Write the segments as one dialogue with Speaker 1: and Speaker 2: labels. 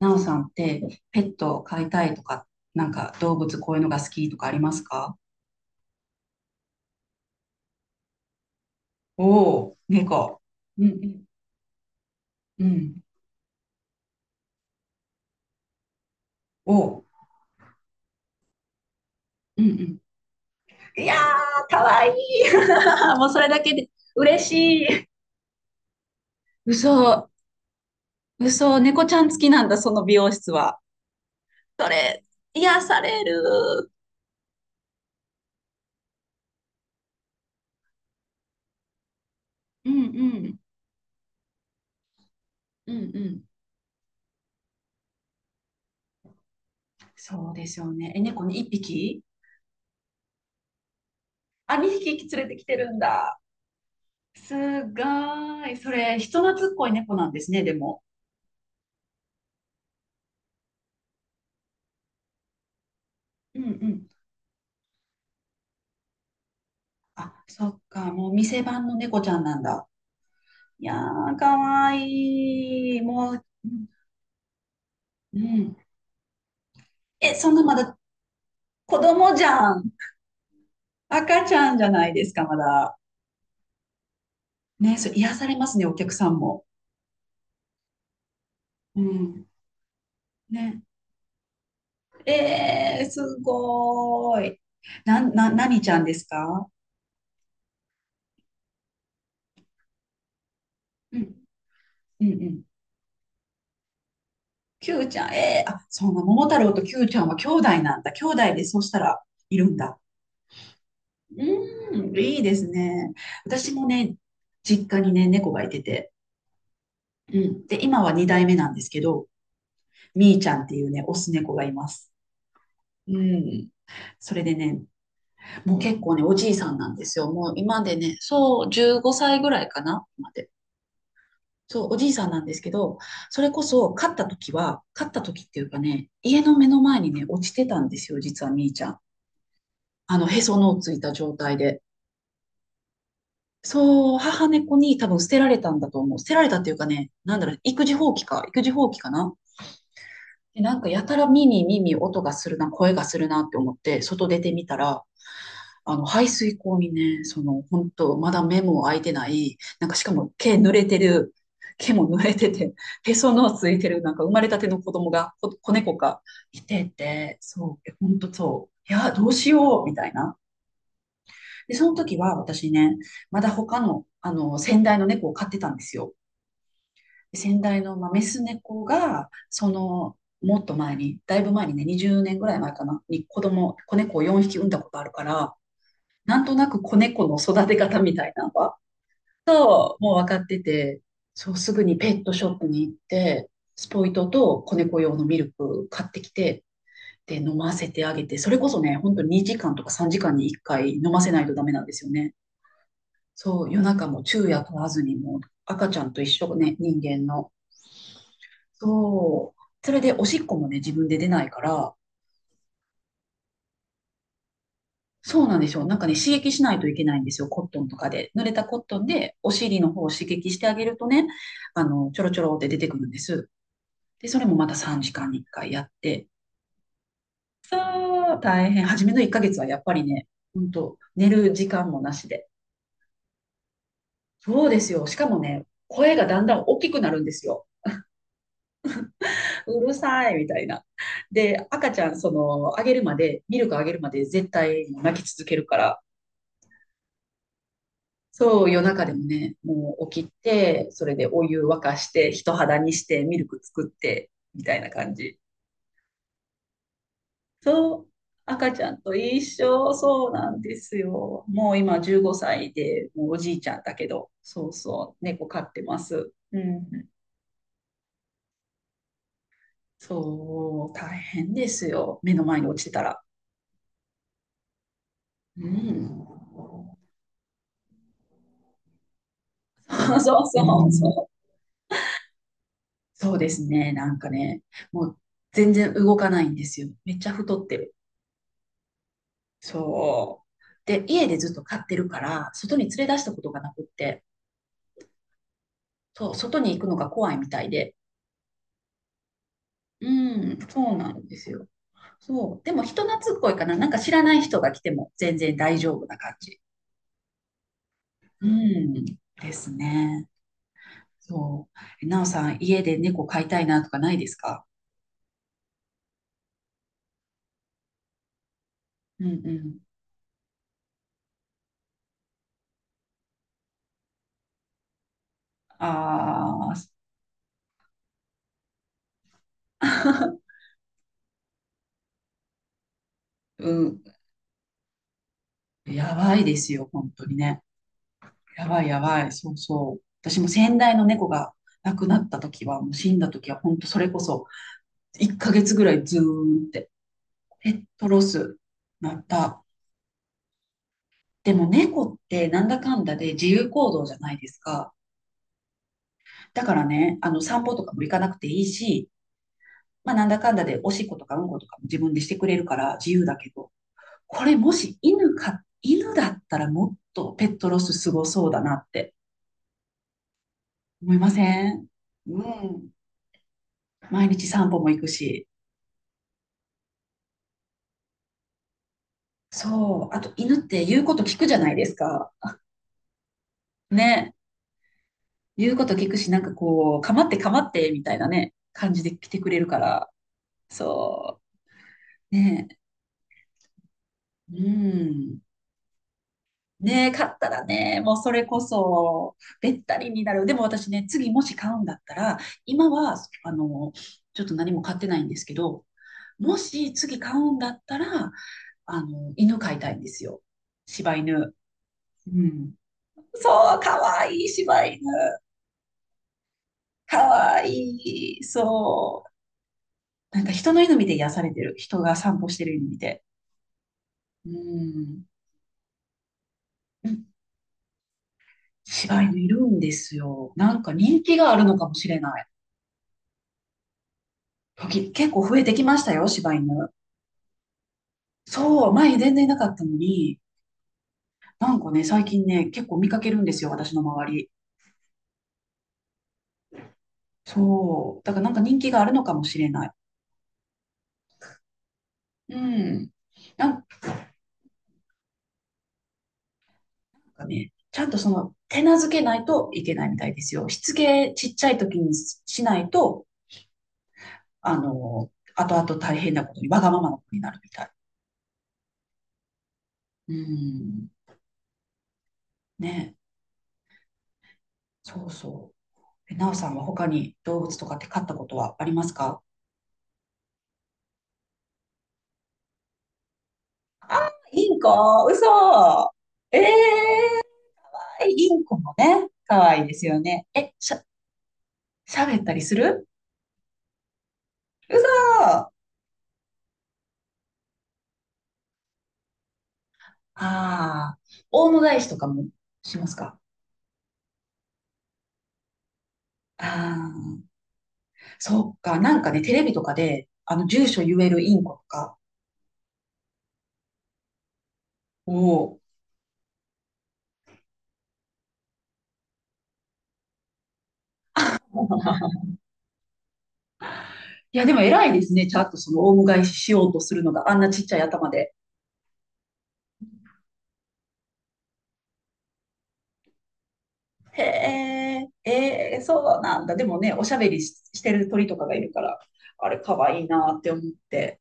Speaker 1: なおさんってペットを飼いたいとか、なんか動物こういうのが好きとかありますか？おお、猫。うんうん。うん。おう。うんうん。いやー、かわいい。もうそれだけで嬉しい。嘘、嘘、猫ちゃん好きなんだ、その美容室は。それ、癒される。うんうんうんうん。そうですよね。え、猫に一匹？あ、2匹連れてきてるんだ。すごーい。それ、人懐っこい猫なんですね、でも。うんうん。あ、そっか、もう店番の猫ちゃんなんだ。いやー、かわいい。もう、うんうん。え、そんなまだ子供じゃん。赤ちゃんじゃないですか、まだ。ね、そう癒されますね、お客さんも。うん。ね。えー、すごーい。なん、な、何ちゃんですか？うん、うん、うん。キューちゃん、あ、そんな、桃太郎とキューちゃんは兄弟なんだ。兄弟で、そうしたら、いるんだ。うーん、いいですね。私もね、実家にね、猫がいてて。うん。で、今は2代目なんですけど、みーちゃんっていうね、オス猫がいます。うん。それでね、もう結構ね、おじいさんなんですよ。もう今でね、そう、15歳ぐらいかな、まで。そう、おじいさんなんですけど、それこそ、飼った時っていうかね、家の目の前にね、落ちてたんですよ、実はみーちゃん。へその緒ついた状態で。そう、母猫に多分捨てられたんだと思う。捨てられたっていうかね、なんだろう、育児放棄かな。で、なんかやたら音がするな、声がするなって思って、外出てみたら、排水溝にね、本当まだ目も開いてない、なんかしかも毛も濡れてて、へその緒ついてる、なんか生まれたての子供が、こ子猫か、いてて、そう、ほんとそう、いや、どうしよう、みたいな。で、その時は私ね、まだ他の、先代の猫を飼ってたんですよ。で先代の、まあ、メス猫が、もっと前に、だいぶ前にね、20年ぐらい前かな、に子猫を4匹産んだことあるから、なんとなく子猫の育て方みたいなのは、もう分かってて、そう、すぐにペットショップに行って、スポイトと子猫用のミルク買ってきて、で、飲ませてあげて、それこそね、本当に2時間とか3時間に1回飲ませないとダメなんですよね。そう、夜中も昼夜問わずにもう赤ちゃんと一緒ね、人間の。そう。それでおしっこもね、自分で出ないから、そうなんですよ。なんかね、刺激しないといけないんですよ。コットンとかで。濡れたコットンでお尻の方を刺激してあげるとね、ちょろちょろって出てくるんです。で、それもまた3時間に1回やって。そう、大変。初めの1ヶ月はやっぱりね、ほんと、寝る時間もなしで。そうですよ。しかもね、声がだんだん大きくなるんですよ。うるさいみたいな。で、赤ちゃん、その、あげるまで、ミルクあげるまで絶対泣き続けるから、そう、夜中でもね、もう起きて、それでお湯沸かして、人肌にして、ミルク作って、みたいな感じ。そう、赤ちゃんと一緒、そうなんですよ。もう今15歳で、もうおじいちゃんだけど、そうそう、猫飼ってます。うん、そう、大変ですよ。目の前に落ちてたら。うん。そうそうそう。そうですね。なんかね、もう全然動かないんですよ。めっちゃ太ってる。そう。で、家でずっと飼ってるから、外に連れ出したことがなくって、そう、外に行くのが怖いみたいで。うん、そうなんですよ。そう。でも人懐っこいかな。なんか知らない人が来ても全然大丈夫な感じ。うん、ですね。そう。なおさん、家で猫飼いたいなとかないですか？うんうん。ああ、うん、やばいですよ、本当にね。やばいやばい、そうそう。私も先代の猫が亡くなった時は、もう死んだ時は、本当それこそ、1ヶ月ぐらいずーんって、ペットロスなった。でも猫ってなんだかんだで自由行動じゃないですか。だからね、あの散歩とかも行かなくていいし、まあなんだかんだでおしっことかうんことかも自分でしてくれるから自由だけど、これもし犬だったらもっとペットロスすごそうだなって思いません？うん。毎日散歩も行くし。そう。あと、犬って言うこと聞くじゃないですか。ね。言うこと聞くし、なんかこう、かまってかまって、みたいなね、感じで来てくれるから。そう。ね。うん。ね、買ったらね、もうそれこそ、べったりになる。でも私ね、次もし買うんだったら、今は、あの、ちょっと何も買ってないんですけど、もし次買うんだったら、犬飼いたいんですよ。柴犬。うん。そう、かわいい柴犬。かわいい。そう。なんか人の犬見て癒されてる。人が散歩してる犬見て。うん。柴犬いるんですよ。なんか人気があるのかもしれない。時結構増えてきましたよ、柴犬。そう、前全然いなかったのに、なんかね、最近ね、結構見かけるんですよ、私の周り。そう。だからなんか人気があるのかもしれない。うん。なんかね、ちゃんとその手なずけないといけないみたいですよ。しつけちっちゃい時にしないと後々大変なことに、わがままな子になるみたい。うん。ね。そうそう。なおさんは他に動物とかって飼ったことはありますか？インコ、嘘。ええー、インコもね、可愛いですよね。え、しゃ、喋ったりする？嘘。ああ、大野返しとかもしますか？ああ、そっか。なんかね、テレビとかで、住所言えるインコとかを、いや、でも偉いですね。ちゃんとオウム返ししようとするのが、あんなちっちゃい頭で。へえ、ええ、そうなんだ。でもね、おしゃべりし、してる鳥とかがいるから、あれ、かわいいなって思って。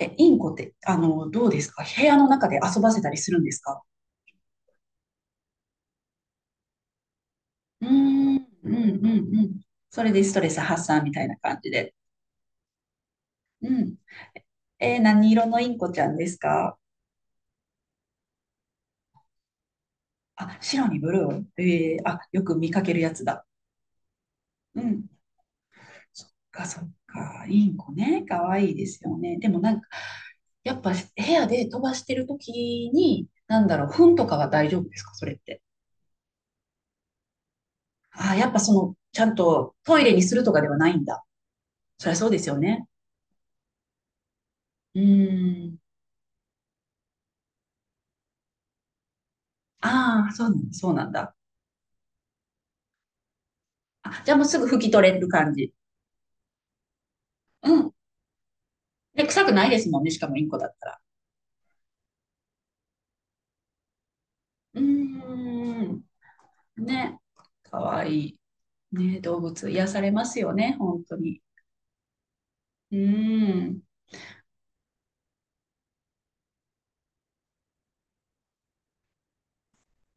Speaker 1: え、インコって、どうですか？部屋の中で遊ばせたりするんですか？うーん、うん、うん、うん。それでストレス発散みたいな感じで。うん。えー、何色のインコちゃんですか？あ、白にブルー。えー、あ、よく見かけるやつだ。うん、そっかそっか、インコね、可愛いですよね。でもなんか、やっぱ部屋で飛ばしてる時に、なんだろう、糞とかは大丈夫ですか、それって。ああ、やっぱちゃんとトイレにするとかではないんだ。そりゃそうですよね。うーん。ああ、そうなんだ、そうなんだ。あ、じゃあもうすぐ拭き取れる感じ。うん。で、臭くないですもんね、しかもインコだったら。うーん。ね。かわいい。ね、動物癒されますよね、本当に。うーん。